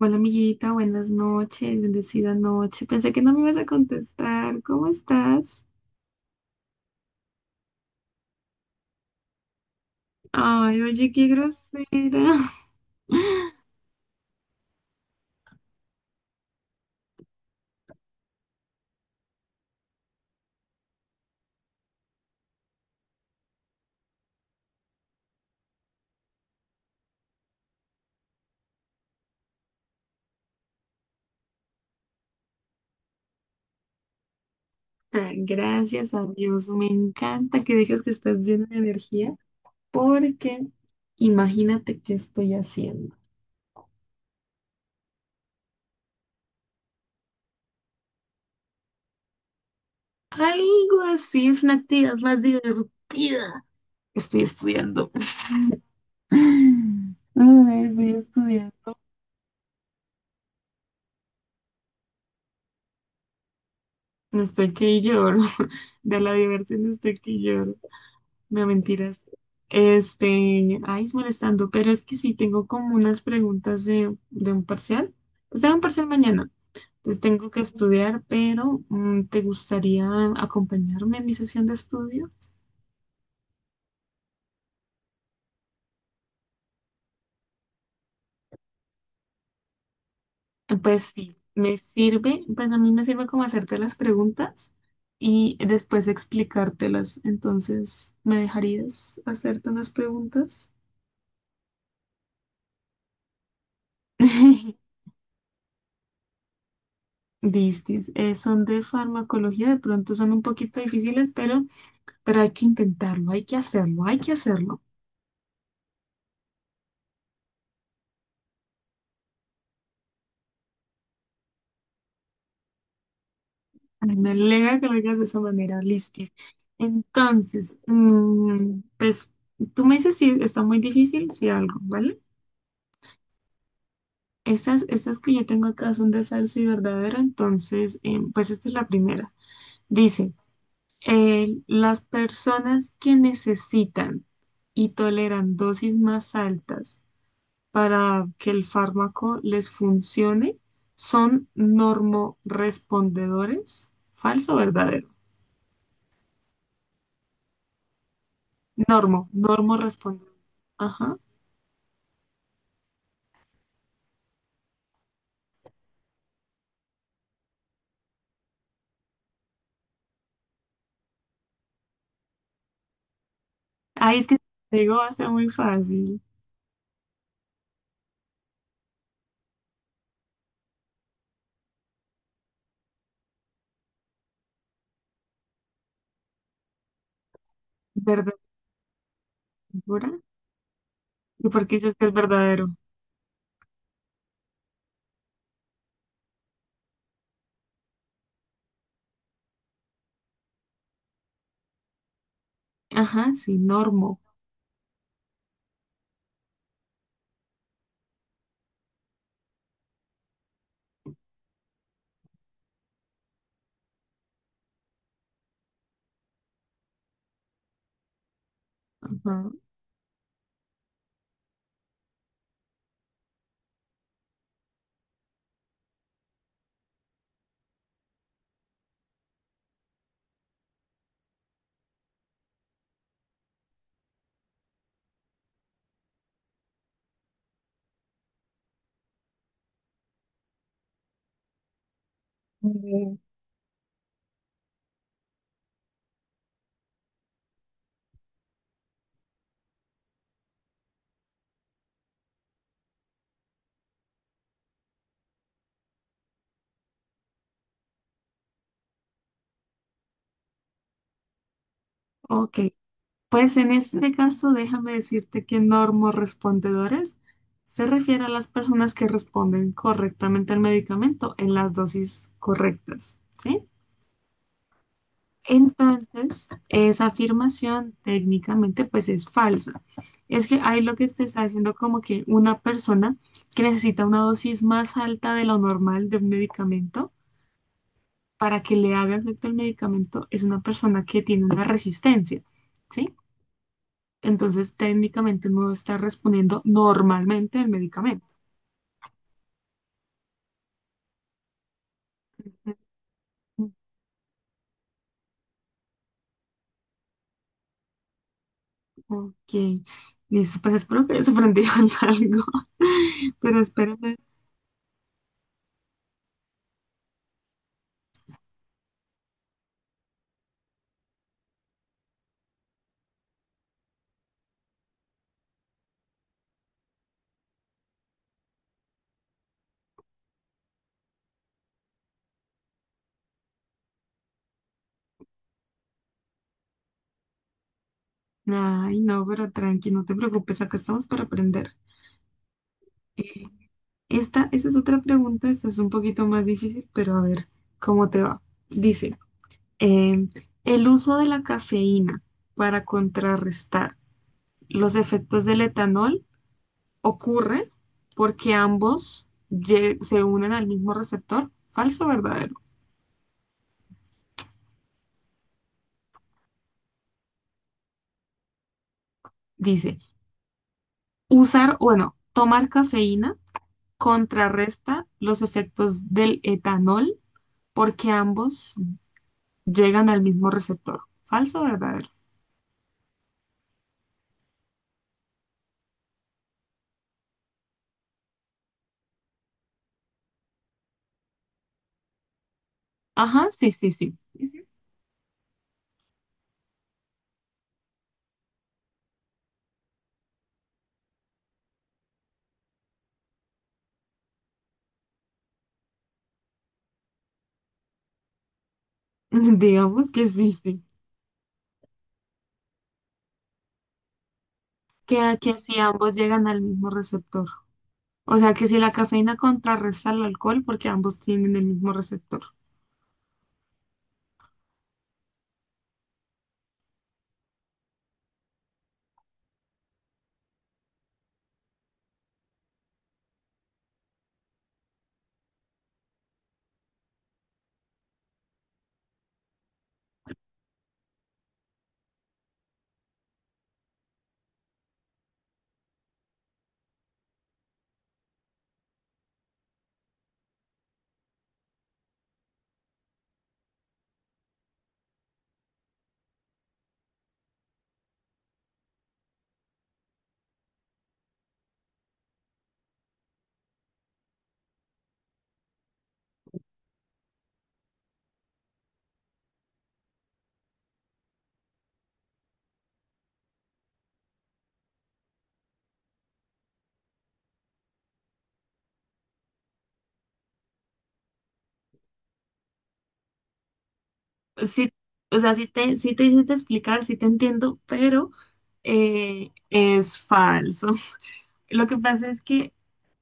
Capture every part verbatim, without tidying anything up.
Hola amiguita, buenas noches, bendecida noche. Pensé que no me ibas a contestar. ¿Cómo estás? Ay, oye, qué grosera. Ah, gracias a Dios, me encanta que digas que estás llena de energía, porque imagínate qué estoy haciendo. Algo así, es una actividad más divertida. Estoy estudiando. Ay, estoy estudiando. Estoy que lloro. De la diversión estoy que lloro. No mentiras. Este, ay, es molestando, pero es que sí tengo como unas preguntas de, de un parcial. Pues tengo un parcial mañana, entonces tengo que estudiar, pero mm, ¿te gustaría acompañarme en mi sesión de estudio? Eh, Pues sí, me sirve, pues a mí me sirve como hacerte las preguntas y después explicártelas. Entonces, ¿me dejarías hacerte unas preguntas? Listis, eh, son de farmacología, de pronto son un poquito difíciles, pero Pero hay que intentarlo, hay que hacerlo, hay que hacerlo. Ay, me alegra que lo digas de esa manera, listis. Entonces, mm, pues tú me dices si está muy difícil, si algo, ¿vale? Estas, estas que yo tengo acá son de falso y verdadero, entonces, em, pues esta es la primera. Dice, eh, las personas que necesitan y toleran dosis más altas para que el fármaco les funcione son normorespondedores. ¿Falso o verdadero? Normo, normorespondedor. Ajá. Ahí es que te digo, va a ser muy fácil. ¿Verdadero? ¿Segura? ¿Y por qué dices que es verdadero? Ajá, sí, normo. Ajá. Mm, ok. Pues en este caso, déjame decirte que normorespondedores se refiere a las personas que responden correctamente al medicamento en las dosis correctas, ¿sí? Entonces, esa afirmación técnicamente pues es falsa. Es que ahí lo que se está haciendo como que una persona que necesita una dosis más alta de lo normal de un medicamento para que le haga efecto el medicamento es una persona que tiene una resistencia, ¿sí? Entonces, técnicamente no está respondiendo normalmente al medicamento. Ok, listo, pues espero que hayas aprendido algo, pero espérame. Ay, no, pero tranqui, no te preocupes, acá estamos para aprender. Eh, Esta, esa es otra pregunta, esta es un poquito más difícil, pero a ver cómo te va. Dice, em, el uso de la cafeína para contrarrestar los efectos del etanol ocurre porque ambos lle- se unen al mismo receptor, falso o verdadero. Dice, usar, bueno, tomar cafeína contrarresta los efectos del etanol porque ambos llegan al mismo receptor. ¿Falso o verdadero? Ajá, sí, sí, sí. Ujú. Digamos que sí, sí. Que, que si ambos llegan al mismo receptor. O sea, que si la cafeína contrarresta al alcohol porque ambos tienen el mismo receptor. Sí, o sea, sí te, sí te hiciste explicar, sí te entiendo, pero eh, es falso. Lo que pasa es que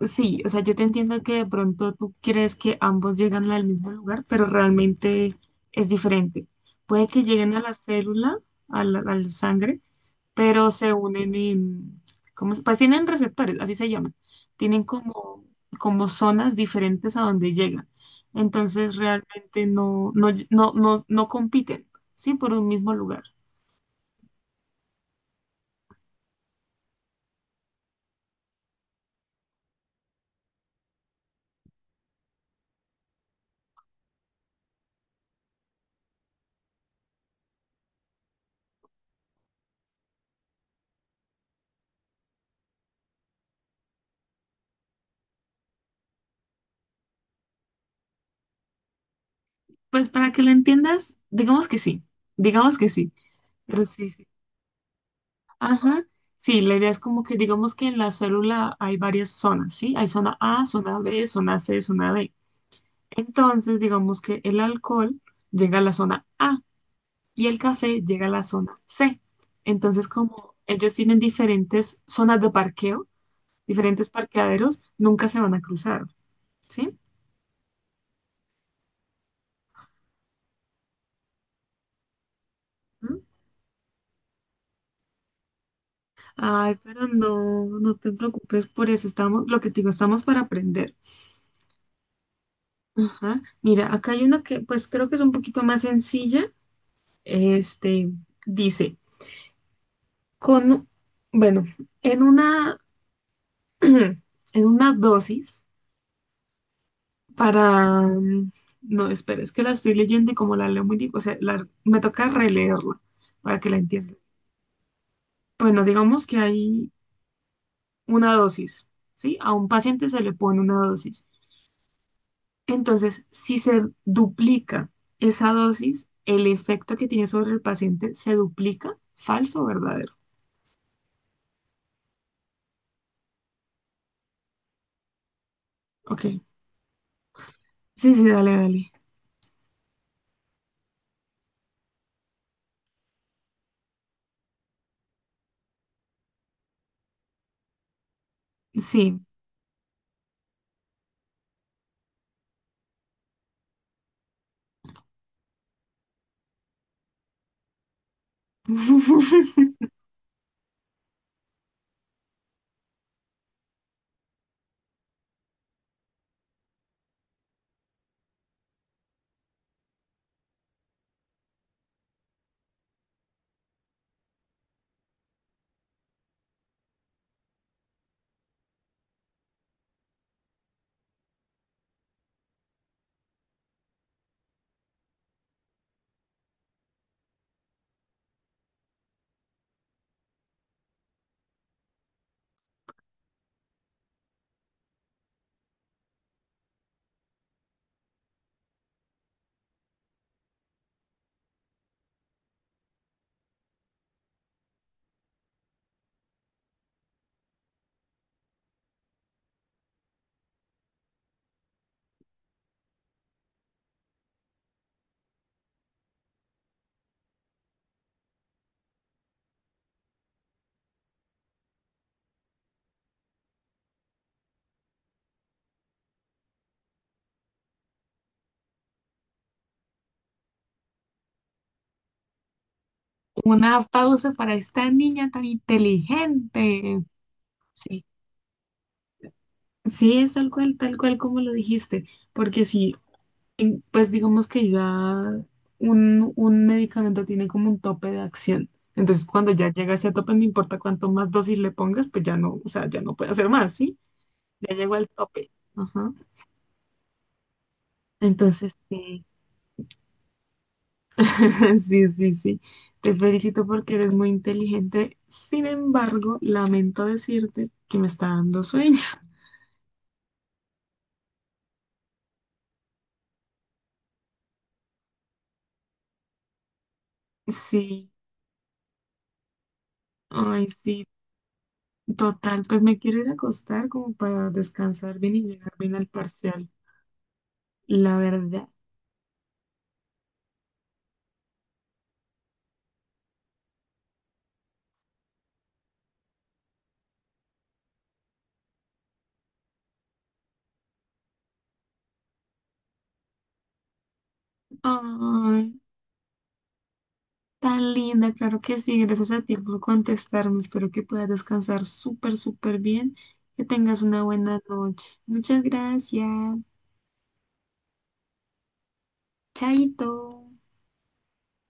sí, o sea, yo te entiendo que de pronto tú crees que ambos llegan al mismo lugar, pero realmente es diferente. Puede que lleguen a la célula, a la, a la sangre, pero se unen en, ¿cómo se- pues tienen receptores, así se llaman. Tienen como, como zonas diferentes a donde llegan. Entonces realmente no, no, no, no, no compiten, ¿sí? Por un mismo lugar. Pues para que lo entiendas, digamos que sí, digamos que sí. Pero sí, sí, ajá. Sí, la idea es como que digamos que en la célula hay varias zonas, ¿sí? Hay zona A, zona B, zona C, zona D. Entonces, digamos que el alcohol llega a la zona A y el café llega a la zona C. Entonces, como ellos tienen diferentes zonas de parqueo, diferentes parqueaderos, nunca se van a cruzar, ¿sí? ¿Mm? Ay, pero no, no te preocupes por eso, estamos, lo que te digo, estamos para aprender. Ajá. Mira, acá hay una que pues creo que es un poquito más sencilla. Este dice, con, bueno, en una, en una dosis para, mm, no, espera, es que la estoy leyendo y como la leo muy, di- o sea, la- me toca releerla para que la entiendas. Bueno, digamos que hay una dosis, ¿sí? A un paciente se le pone una dosis. Entonces, si se duplica esa dosis, el efecto que tiene sobre el paciente se duplica, falso o verdadero. Ok. Sí, sí, dale, dale. Sí. Una pausa para esta niña tan inteligente. Sí, sí, es tal cual, tal cual como lo dijiste, porque si, en- pues digamos que ya un, un medicamento tiene como un tope de acción. Entonces, cuando ya llega a ese tope, no importa cuánto más dosis le pongas, pues ya no, o sea, ya no puede hacer más, ¿sí? Ya llegó al tope. Ajá. Entonces, sí. Sí, sí, sí. Te felicito porque eres muy inteligente. Sin embargo, lamento decirte que me está dando sueño. Sí, ay, sí. Total, pues me quiero ir a acostar como para descansar bien y llegar bien al parcial. La verdad. Ay, tan linda, claro que sí. Gracias a ti por contestarme. Espero que puedas descansar súper, súper bien. Que tengas una buena noche. Muchas gracias. Chaito.